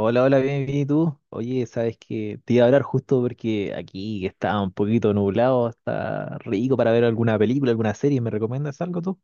Hola, hola, bien, bien, ¿y tú? Oye, sabes que te iba a hablar justo porque aquí que está un poquito nublado, está rico para ver alguna película, alguna serie. ¿Me recomiendas algo tú?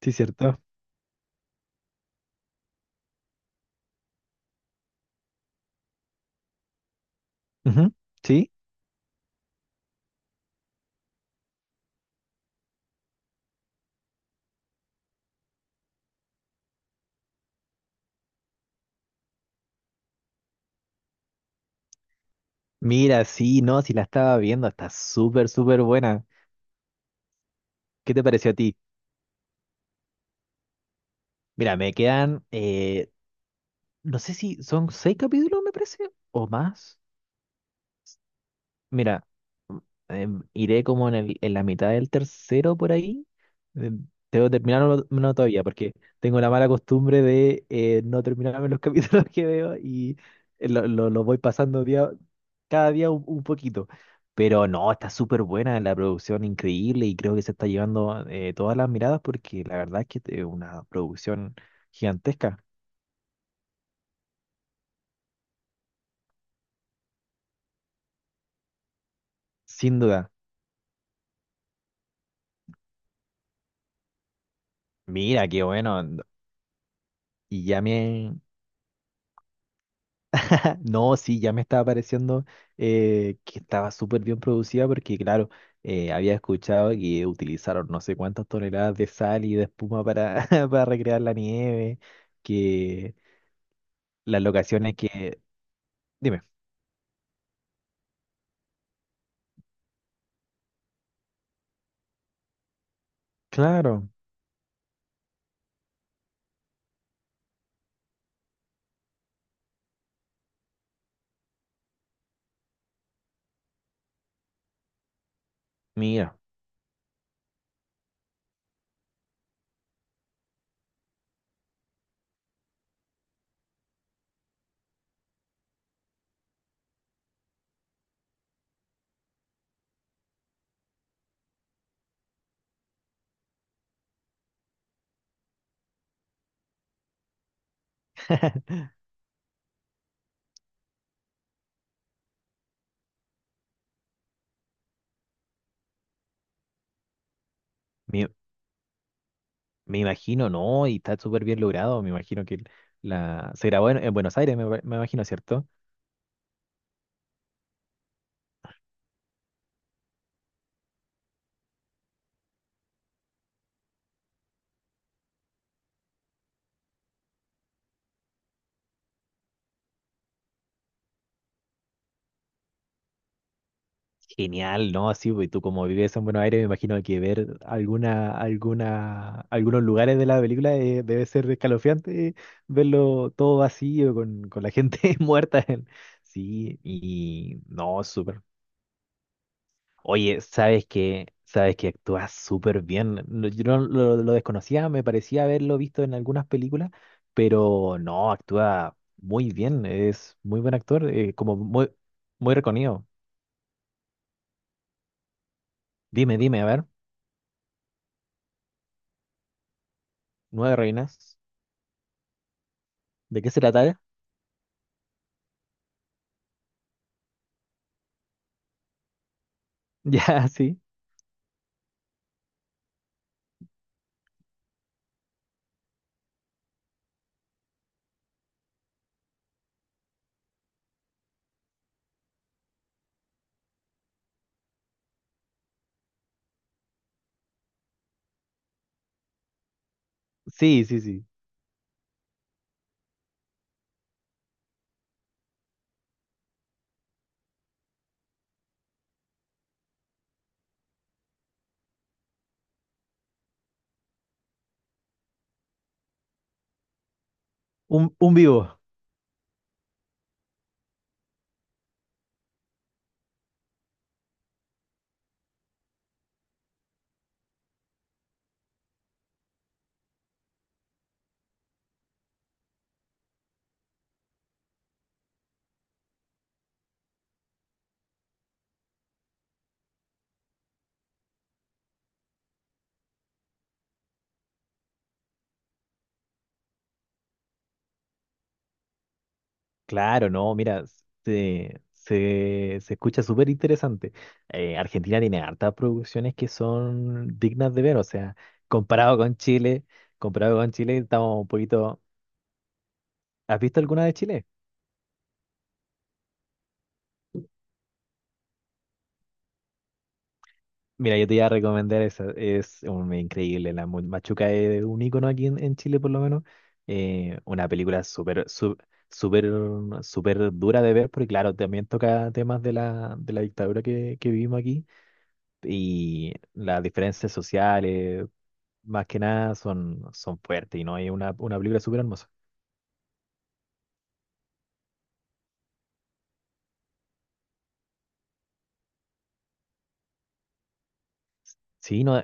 Sí, cierto. Ujú. Sí. Mira, sí, no, si la estaba viendo, está súper, súper buena. ¿Qué te pareció a ti? Mira, me quedan, no sé si son seis capítulos, me parece, o más. Mira, mm, iré como en en la mitad del tercero por ahí. Debo terminarlo no todavía, porque tengo la mala costumbre de no terminarme los capítulos que veo y los voy pasando día, cada día un poquito. Pero no, está súper buena la producción, increíble, y creo que se está llevando todas las miradas porque la verdad es que es una producción gigantesca, sin duda. Mira, qué bueno. Y ya me, No, sí, ya me estaba pareciendo que estaba súper bien producida porque, claro, había escuchado que utilizaron no sé cuántas toneladas de sal y de espuma para, para recrear la nieve, que las locaciones que... Dime, claro, mira, me, me imagino, ¿no? Y está súper bien logrado, me imagino que la... se grabó en Buenos Aires, me imagino, ¿cierto? Genial, ¿no? Sí, pues, y tú como vives en Buenos Aires, me imagino que ver alguna, alguna, algunos lugares de la película debe ser escalofriante, verlo todo vacío, con la gente muerta. En- Sí, y no, súper. Oye, sabes que actúas súper bien. No, yo no lo, lo desconocía, me parecía haberlo visto en algunas películas, pero no, actúa muy bien, es muy buen actor, como muy, muy reconocido. Dime, dime, a ver, Nueve Reinas. ¿De qué se trata? Ya, sí. Sí, sí, sí. Un vivo. Claro, no, mira, se escucha súper interesante. Argentina tiene hartas producciones que son dignas de ver, o sea, comparado con Chile, comparado con Chile, estamos un poquito... ¿Has visto alguna de Chile? Mira, yo te iba a recomendar esa, es un, increíble, la Mu- Machuca es un icono aquí en Chile por lo menos, una película súper, su- súper, súper dura de ver, porque claro, también toca temas de la dictadura que vivimos aquí, y las diferencias sociales, más que nada, son, son fuertes, y no hay una película súper hermosa. Sí, no,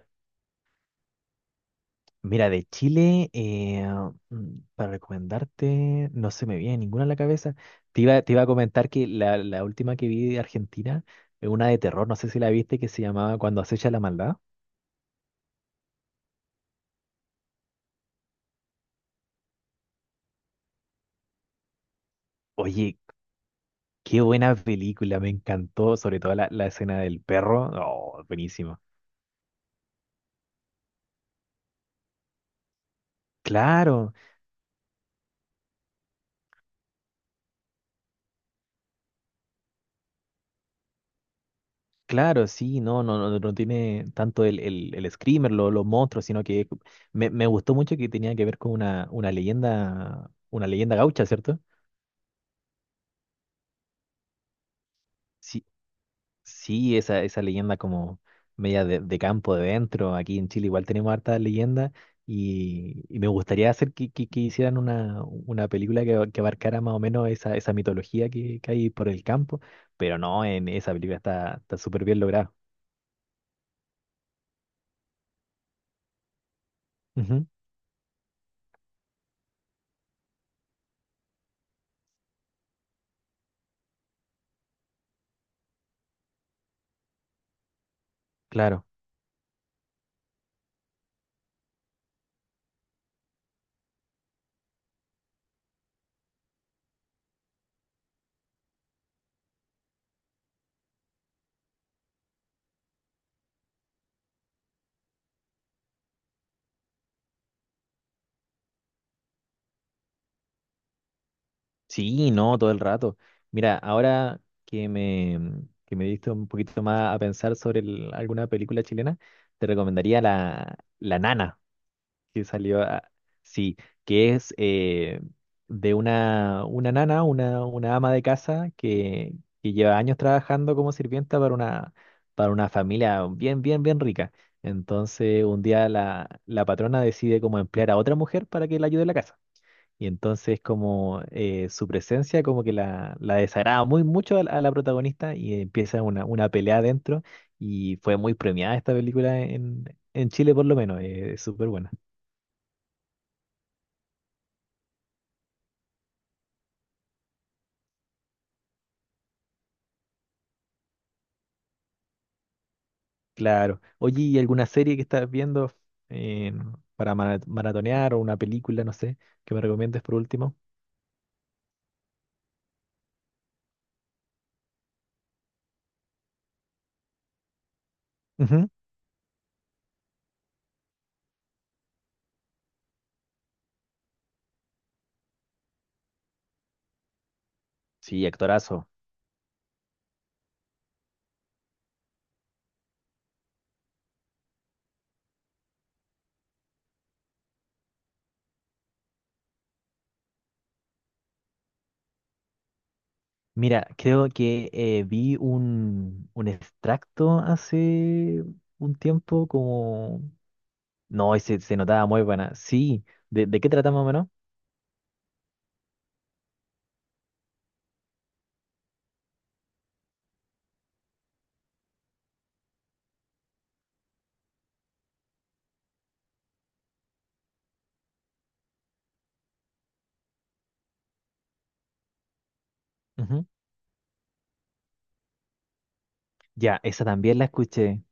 mira, de Chile, para recomendarte, no se me viene ninguna a la cabeza. Te iba a comentar que la última que vi de Argentina es una de terror, no sé si la viste, que se llamaba Cuando acecha la maldad. Oye, qué buena película, me encantó, sobre todo la, la escena del perro. Oh, buenísimo. Claro, claro, sí, no, no, no, no tiene tanto el screamer, lo- los monstruos, sino que me gustó mucho que tenía que ver con una leyenda gaucha, ¿cierto? Sí, sí, esa leyenda como media de campo de dentro. Aquí en Chile igual tenemos hartas leyendas y me gustaría hacer que hicieran una película que abarcara más o menos esa, esa mitología que hay por el campo, pero no, en esa película está, está súper bien lograda. Ujú, claro. Sí, no, todo el rato. Mira, ahora que me, que me diste un poquito más a pensar sobre el- alguna película chilena, te recomendaría la, La Nana. Que salió, a- sí, que es de una nana, una ama de casa que lleva años trabajando como sirvienta para una familia bien, bien, bien rica. Entonces un día la, la patrona decide como emplear a otra mujer para que la ayude en la casa. Y entonces como su presencia como que la desagrada muy mucho a la protagonista y empieza una pelea adentro y fue muy premiada esta película en Chile por lo menos, es súper buena. Claro. Oye, ¿y alguna serie que estás viendo eh, para mara- maratonear o una película, no sé, que me recomiendes por último? Ujú. Sí, actorazo. Mira, creo que vi un extracto hace un tiempo como... No, ese se se notaba muy buena. Sí, de qué trata más o menos? Ujú. Ya, esa también la escuché.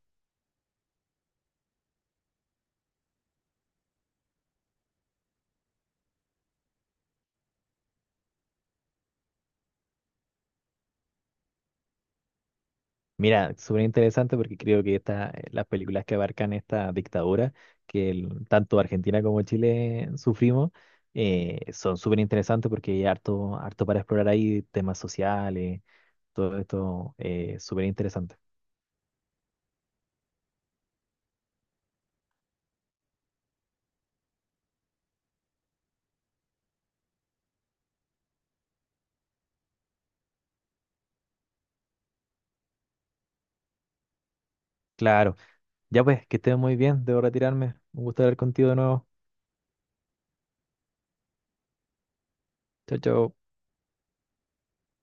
Mira, súper interesante porque creo que esta, las películas que abarcan esta dictadura que el- tanto Argentina como Chile sufrimos son súper interesantes porque hay harto, harto para explorar ahí temas sociales, todo esto súper interesante. Claro, ya pues, que estén muy bien, debo retirarme. Un gusto hablar contigo de nuevo. Chao, chao.